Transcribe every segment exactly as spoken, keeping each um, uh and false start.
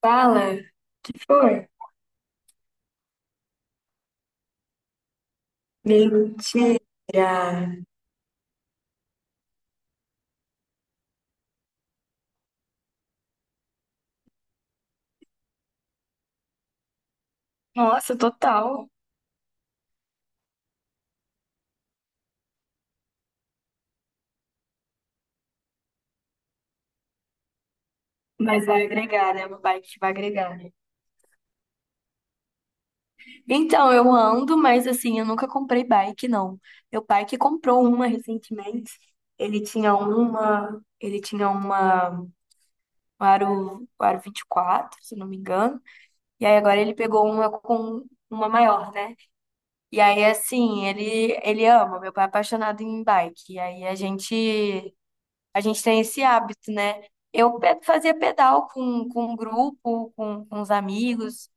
Fala, foi. Mentira. Nossa, total. Mas vai agregar, né? Uma bike que vai agregar. Né? Então, eu ando, mas assim, eu nunca comprei bike, não. Meu pai que comprou uma recentemente. Ele tinha uma, ele tinha uma um aro, um aro vinte e quatro se não me engano. E aí agora ele pegou uma com uma maior, né? E aí assim, ele ele ama, meu pai é apaixonado em bike. E aí a gente A gente tem esse hábito, né? Eu pe- fazia pedal com, com um grupo, com, com os amigos.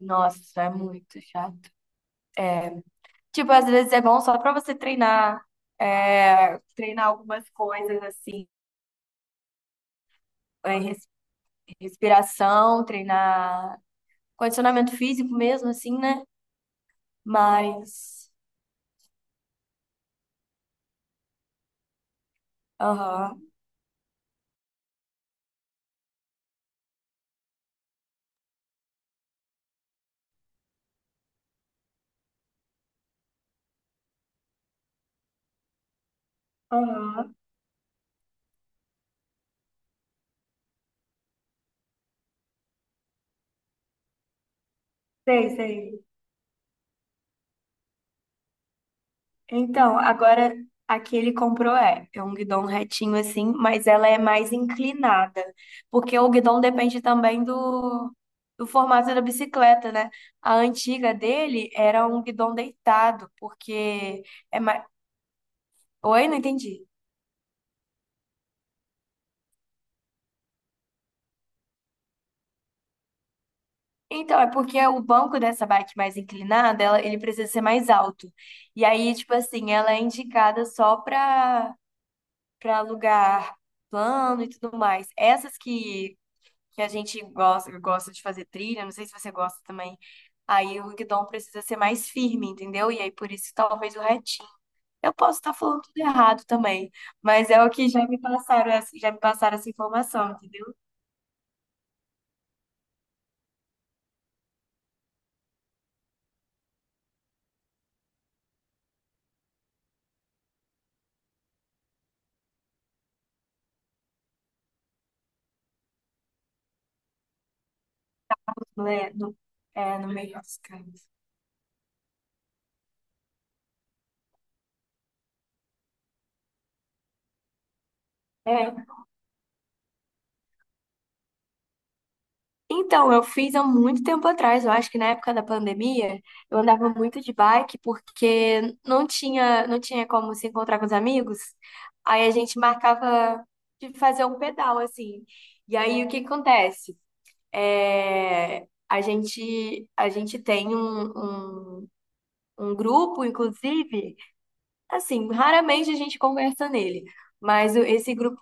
Nossa, isso é muito chato. É, tipo, às vezes é bom só para você treinar, é, treinar algumas coisas assim, é, res- respiração, treinar condicionamento físico mesmo, assim, né? Mas, aham. Aham, sei, sei. Então, agora a que ele comprou é, é um guidão retinho assim, mas ela é mais inclinada, porque o guidão depende também do, do formato da bicicleta, né? A antiga dele era um guidão deitado, porque é mais... Oi, não entendi. Então, é porque o banco dessa bike mais inclinada, ela, ele precisa ser mais alto. E aí, tipo assim, ela é indicada só para para lugar plano e tudo mais. Essas que que a gente gosta, gosta de fazer trilha, não sei se você gosta também. Aí o guidão precisa ser mais firme, entendeu? E aí por isso talvez o retinho. Eu posso estar falando tudo errado também, mas é o que já me passaram, essa- já me passaram essa informação, entendeu? Não é- não- é, no meio dos campos. Então, eu fiz há muito tempo atrás, eu acho que na época da pandemia, eu andava muito de bike porque não tinha, não tinha como se encontrar com os amigos. Aí a gente marcava de fazer um pedal assim. E aí o que que acontece? É, a gente a gente tem um, um, um grupo, inclusive, assim, raramente a gente conversa nele, mas o- esse grupo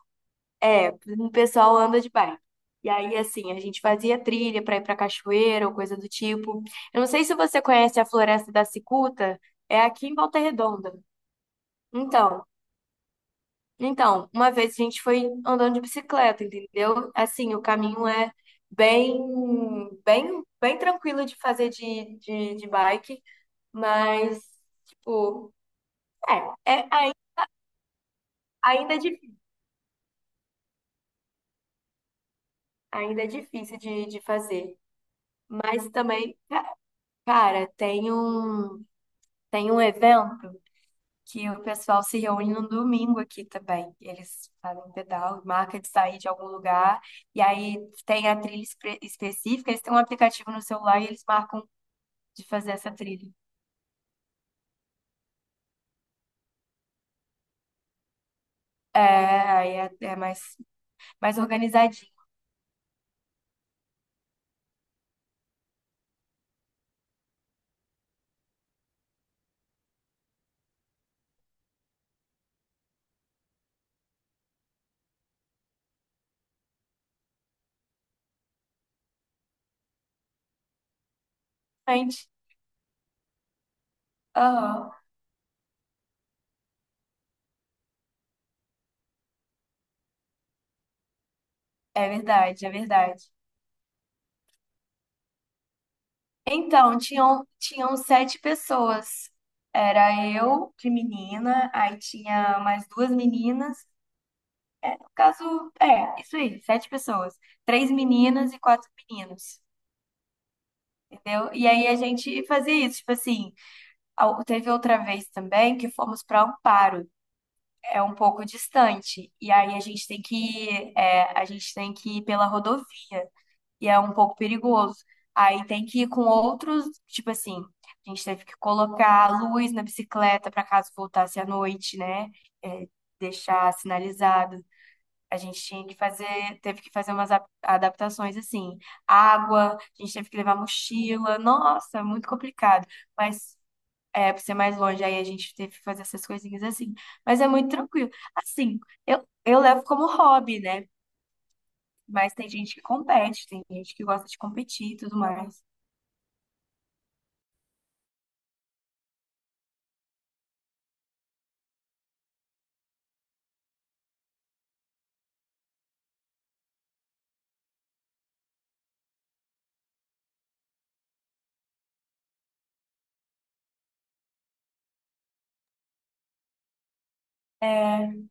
é, o pessoal anda de bike. E aí, assim, a gente fazia trilha para ir para cachoeira ou coisa do tipo. Eu não sei se você conhece a Floresta da Cicuta, é aqui em Volta Redonda. Então, então, uma vez a gente foi andando de bicicleta, entendeu? Assim, o caminho é bem, bem, bem tranquilo de fazer de, de, de bike, mas, tipo, é, é ai- ainda é difícil, ainda é difícil de, de fazer. Mas também, ca- cara, tem um. Tem um evento que o pessoal se reúne no domingo aqui também. Eles fazem pedal, marca de sair de algum lugar, e aí tem a trilha espe- específica, eles têm um aplicativo no celular e eles marcam de fazer essa trilha. É, aí é, é mais, mais organizadinho, gente. Aham, é verdade, é verdade. Então, tinham, tinham sete pessoas. Era eu, de menina, aí tinha mais duas meninas. Caso, é, isso aí, sete pessoas. Três meninas e quatro meninos. Entendeu? E aí a gente fazia isso, tipo assim, ao- teve outra vez também que fomos para Amparo, é um pouco distante, e aí a gente tem que, é, a gente tem que ir pela rodovia, e é um pouco perigoso. Aí tem que ir com outros, tipo assim, a gente teve que colocar a luz na bicicleta para caso voltasse à noite, né? É, deixar sinalizado. A gente tinha que fazer, teve que fazer umas a- adaptações assim, água, a gente teve que levar mochila, nossa, é muito complicado. Mas é, pra ser mais longe, aí a gente teve que fazer essas coisinhas assim. Mas é muito tranquilo. Assim, eu, eu levo como hobby, né? Mas tem gente que compete, tem gente que gosta de competir e tudo mais. É,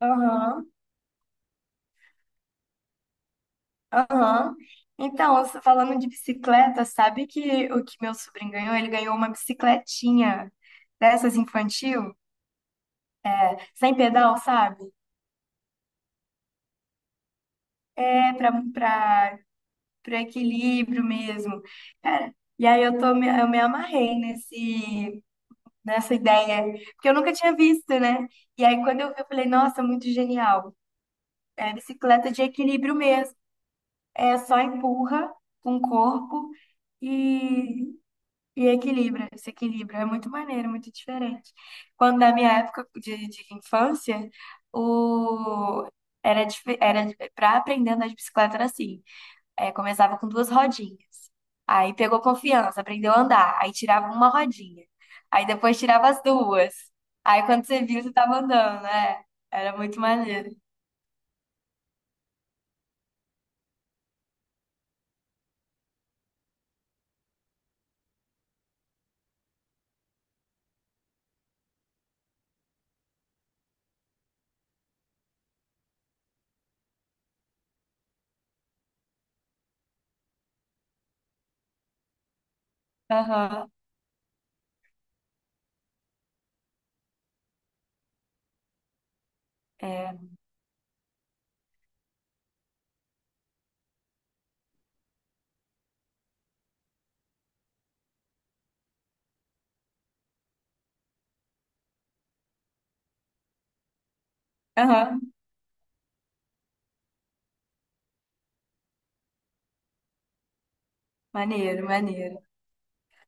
aham, aham. Então, você falando de bicicleta, sabe que o que meu sobrinho ganhou? Ele ganhou uma bicicletinha dessas infantil. Sem pedal, sabe? É pra, pra, pra equilíbrio mesmo. Cara, e aí eu tô, me- eu me amarrei nesse, nessa ideia, porque eu nunca tinha visto, né? E aí quando eu vi, eu falei, nossa, muito genial. É bicicleta de equilíbrio mesmo. É só empurra com o corpo e, e equilibra, se equilibra. É muito maneiro, muito diferente. Quando na minha época de, de infância, o, era, dif- era para aprender a andar de bicicleta era assim. É, começava com duas rodinhas. Aí pegou confiança, aprendeu a andar. Aí tirava uma rodinha. Aí depois tirava as duas. Aí quando você viu, você tava andando, né? Era muito maneiro. Aham, é. Aham. Maneiro, maneiro.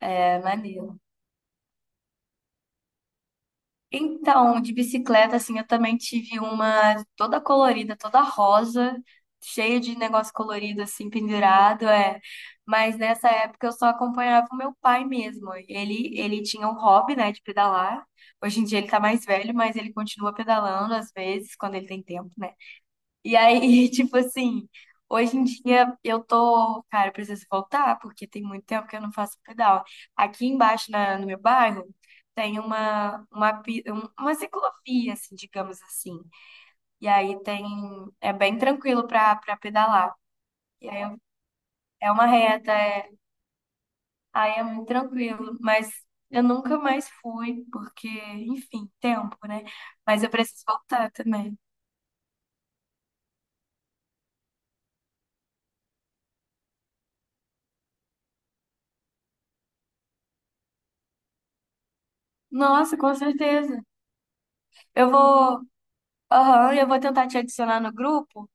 É, maneiro. Então, de bicicleta, assim, eu também tive uma toda colorida, toda rosa, cheia de negócio colorido, assim, pendurado, é. Mas nessa época eu só acompanhava o meu pai mesmo. Ele, ele tinha um hobby, né, de pedalar. Hoje em dia ele tá mais velho, mas ele continua pedalando às vezes, quando ele tem tempo, né? E aí, tipo assim, hoje em dia eu tô, cara, eu preciso voltar, porque tem muito tempo que eu não faço pedal. Aqui embaixo na, no meu bairro tem uma, uma, pi- um- uma ciclovia, assim, digamos assim. E aí tem, é bem tranquilo pra, pra pedalar. E aí eu- é uma reta, é, aí é muito tranquilo, mas eu nunca mais fui, porque, enfim, tempo, né? Mas eu preciso voltar também. Nossa, com certeza. Eu vou. Aham, eu vou tentar te adicionar no grupo,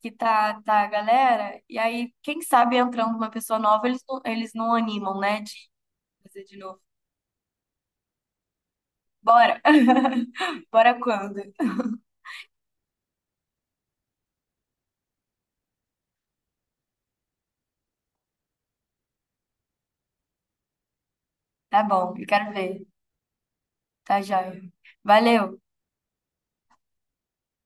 que tá, tá a galera, e aí, quem sabe entrando uma pessoa nova, eles não, eles não animam, né, de fazer de novo. Bora! Bora quando? Tá bom, eu quero ver. Tá joia. Valeu!